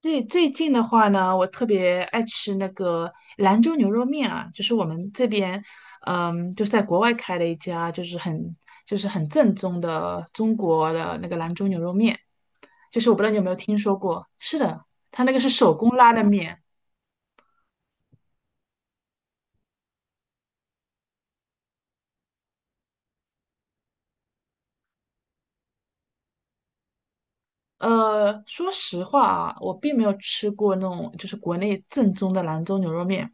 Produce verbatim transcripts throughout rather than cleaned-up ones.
对，最近的话呢，我特别爱吃那个兰州牛肉面啊，就是我们这边，嗯，就是在国外开了一家，就是很就是很正宗的中国的那个兰州牛肉面，就是我不知道你有没有听说过？是的，它那个是手工拉的面。呃，说实话啊，我并没有吃过那种就是国内正宗的兰州牛肉面，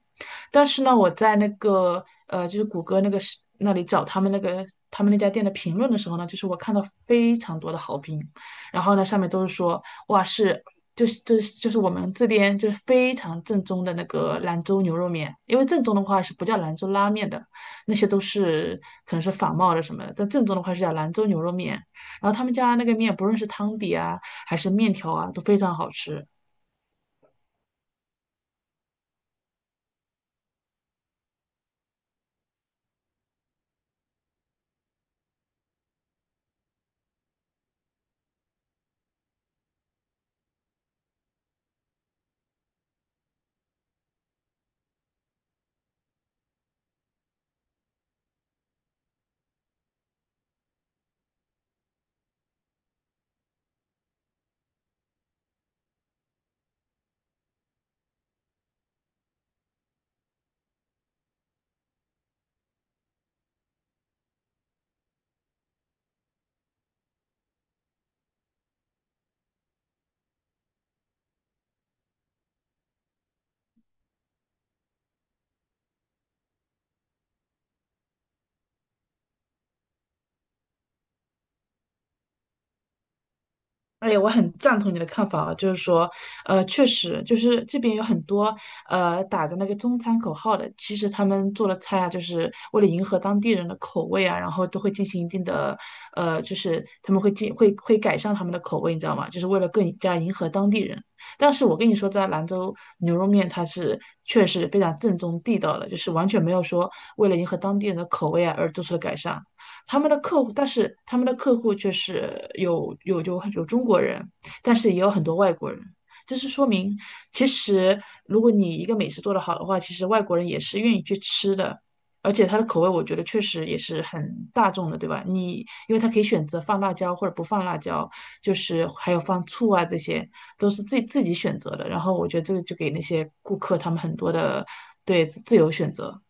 但是呢，我在那个呃，就是谷歌那个是那里找他们那个他们那家店的评论的时候呢，就是我看到非常多的好评，然后呢，上面都是说哇是。就是就是就是我们这边就是非常正宗的那个兰州牛肉面，因为正宗的话是不叫兰州拉面的，那些都是可能是仿冒的什么的，但正宗的话是叫兰州牛肉面。然后他们家那个面，不论是汤底啊还是面条啊，都非常好吃。哎，我很赞同你的看法啊，就是说，呃，确实，就是这边有很多呃打着那个中餐口号的，其实他们做的菜啊，就是为了迎合当地人的口味啊，然后都会进行一定的，呃，就是他们会进会会改善他们的口味，你知道吗？就是为了更加迎合当地人。但是我跟你说，在兰州牛肉面它是确实非常正宗地道的，就是完全没有说为了迎合当地人的口味啊而做出的改善。他们的客户，但是他们的客户却是有有有有中国人，但是也有很多外国人。这是说明，其实如果你一个美食做得好的话，其实外国人也是愿意去吃的，而且它的口味我觉得确实也是很大众的，对吧？你因为它可以选择放辣椒或者不放辣椒，就是还有放醋啊，这些都是自己自己选择的。然后我觉得这个就给那些顾客他们很多的对自由选择。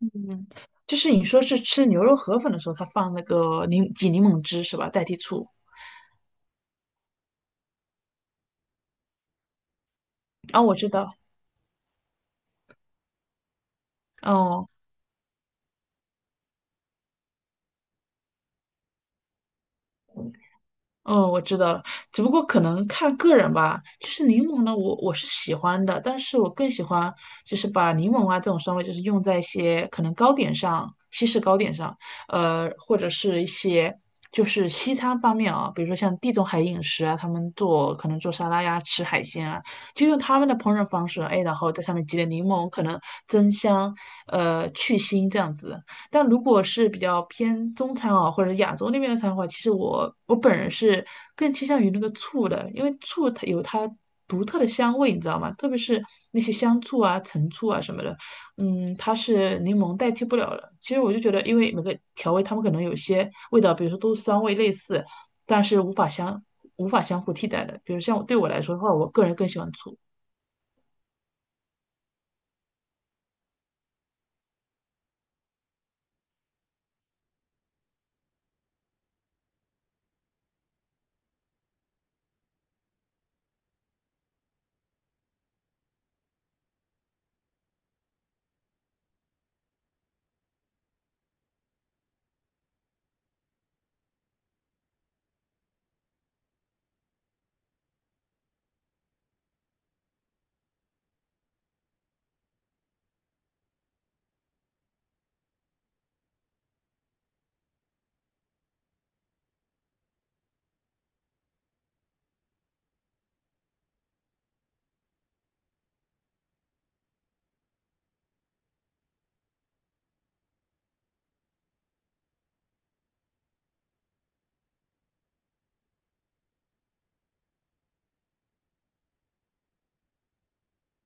嗯，就是你说是吃牛肉河粉的时候，它放那个柠挤柠檬汁是吧，代替醋。啊，我知道。哦，哦，我知道了。只不过可能看个人吧。就是柠檬呢，我我是喜欢的，但是我更喜欢就是把柠檬啊这种酸味，就是用在一些可能糕点上，西式糕点上，呃，或者是一些就是西餐方面啊，比如说像地中海饮食啊，他们做可能做沙拉呀，吃海鲜啊，就用他们的烹饪方式，哎，然后在上面挤点柠檬，可能增香，呃，去腥这样子。但如果是比较偏中餐啊，或者亚洲那边的餐的话，其实我我本人是更倾向于那个醋的，因为醋它有它独特的香味，你知道吗？特别是那些香醋啊、陈醋啊什么的，嗯，它是柠檬代替不了的。其实我就觉得，因为每个调味它们可能有些味道，比如说都是酸味类似，但是无法相无法相互替代的。比如像我对我来说的话，我个人更喜欢醋。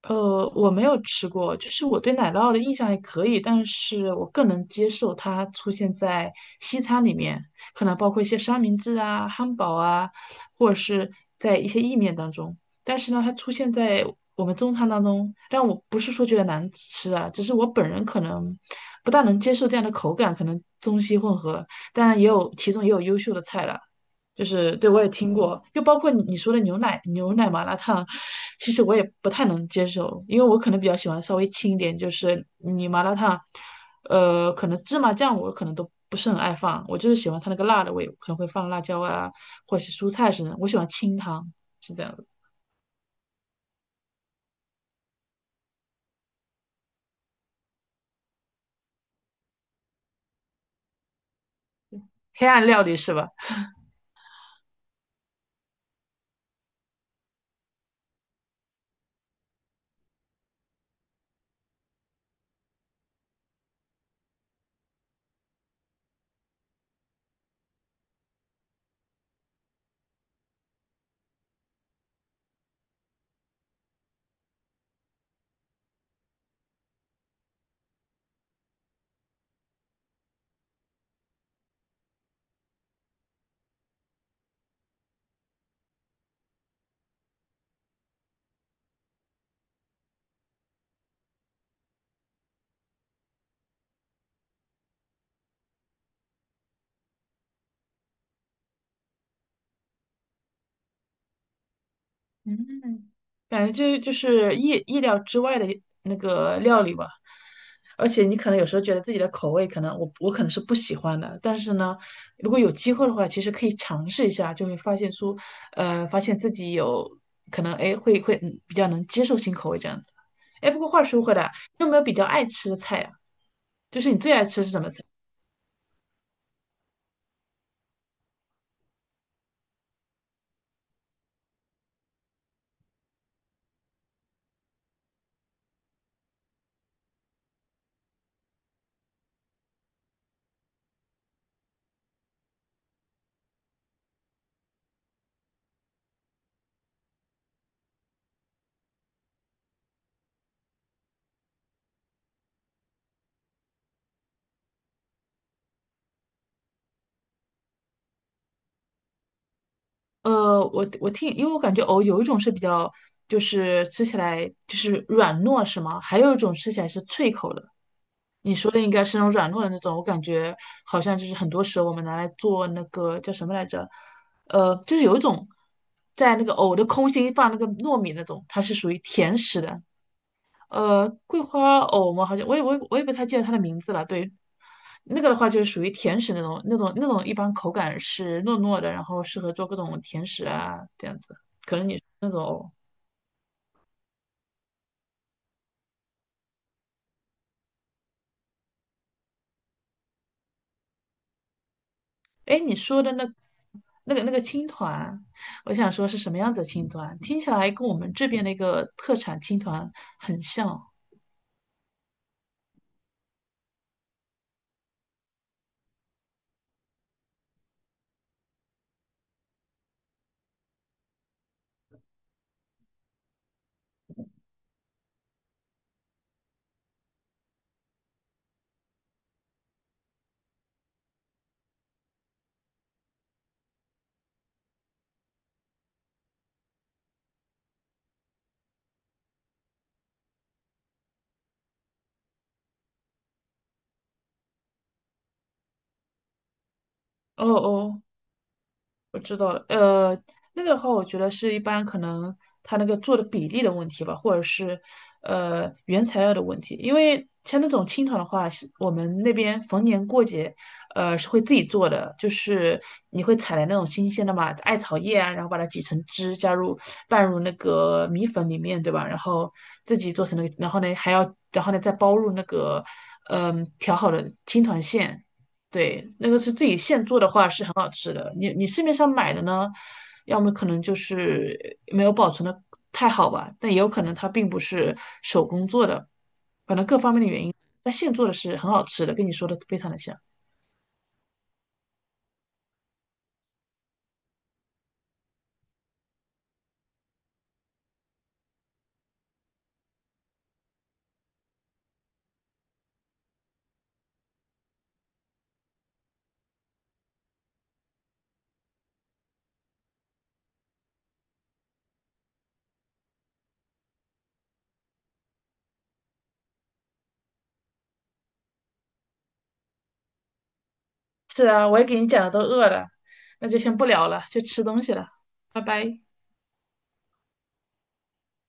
呃，我没有吃过，就是我对奶酪的印象还可以，但是我更能接受它出现在西餐里面，可能包括一些三明治啊、汉堡啊，或者是在一些意面当中。但是呢，它出现在我们中餐当中，但我不是说觉得难吃啊，只是我本人可能不大能接受这样的口感，可能中西混合。当然，也有其中也有优秀的菜了，就是对我也听过，就包括你你说的牛奶牛奶麻辣烫，其实我也不太能接受，因为我可能比较喜欢稍微轻一点，就是你麻辣烫，呃，可能芝麻酱我可能都不是很爱放，我就是喜欢它那个辣的味，可能会放辣椒啊，或者是蔬菜什么的，我喜欢清汤，是这样的。黑暗料理是吧？嗯，感觉这就是意意料之外的那个料理吧，而且你可能有时候觉得自己的口味可能我我可能是不喜欢的，但是呢，如果有机会的话，其实可以尝试一下，就会发现出，呃，发现自己有可能哎会会嗯比较能接受新口味这样子。哎，不过话说回来啊，你有没有比较爱吃的菜啊？就是你最爱吃是什么菜？呃，我我听，因为我感觉藕有一种是比较，就是吃起来就是软糯，是吗？还有一种吃起来是脆口的。你说的应该是那种软糯的那种，我感觉好像就是很多时候我们拿来做那个叫什么来着？呃，就是有一种在那个藕的空心放那个糯米那种，它是属于甜食的。呃，桂花藕吗？好像我也我也我也不太记得它的名字了。对，那个的话就是属于甜食那种，那种那种一般口感是糯糯的，然后适合做各种甜食啊这样子那种藕。哎，你说的那那个那个青团，我想说是什么样子的青团？听起来跟我们这边的一个特产青团很像。哦哦，我知道了，呃，那个的话，我觉得是一般可能它那个做的比例的问题吧，或者是呃原材料的问题。因为像那种青团的话，是我们那边逢年过节，呃是会自己做的，就是你会采来那种新鲜的嘛，艾草叶啊，然后把它挤成汁，加入拌入那个米粉里面，对吧？然后自己做成那个，然后呢还要，然后呢再包入那个嗯、调好的青团馅。对，那个是自己现做的话是很好吃的。你你市面上买的呢，要么可能就是没有保存的太好吧，但也有可能它并不是手工做的，那现做的是很好吃的，跟你说的非常的像。是啊，我也给你讲的都饿了，那就先不聊了，去吃东西了，拜拜。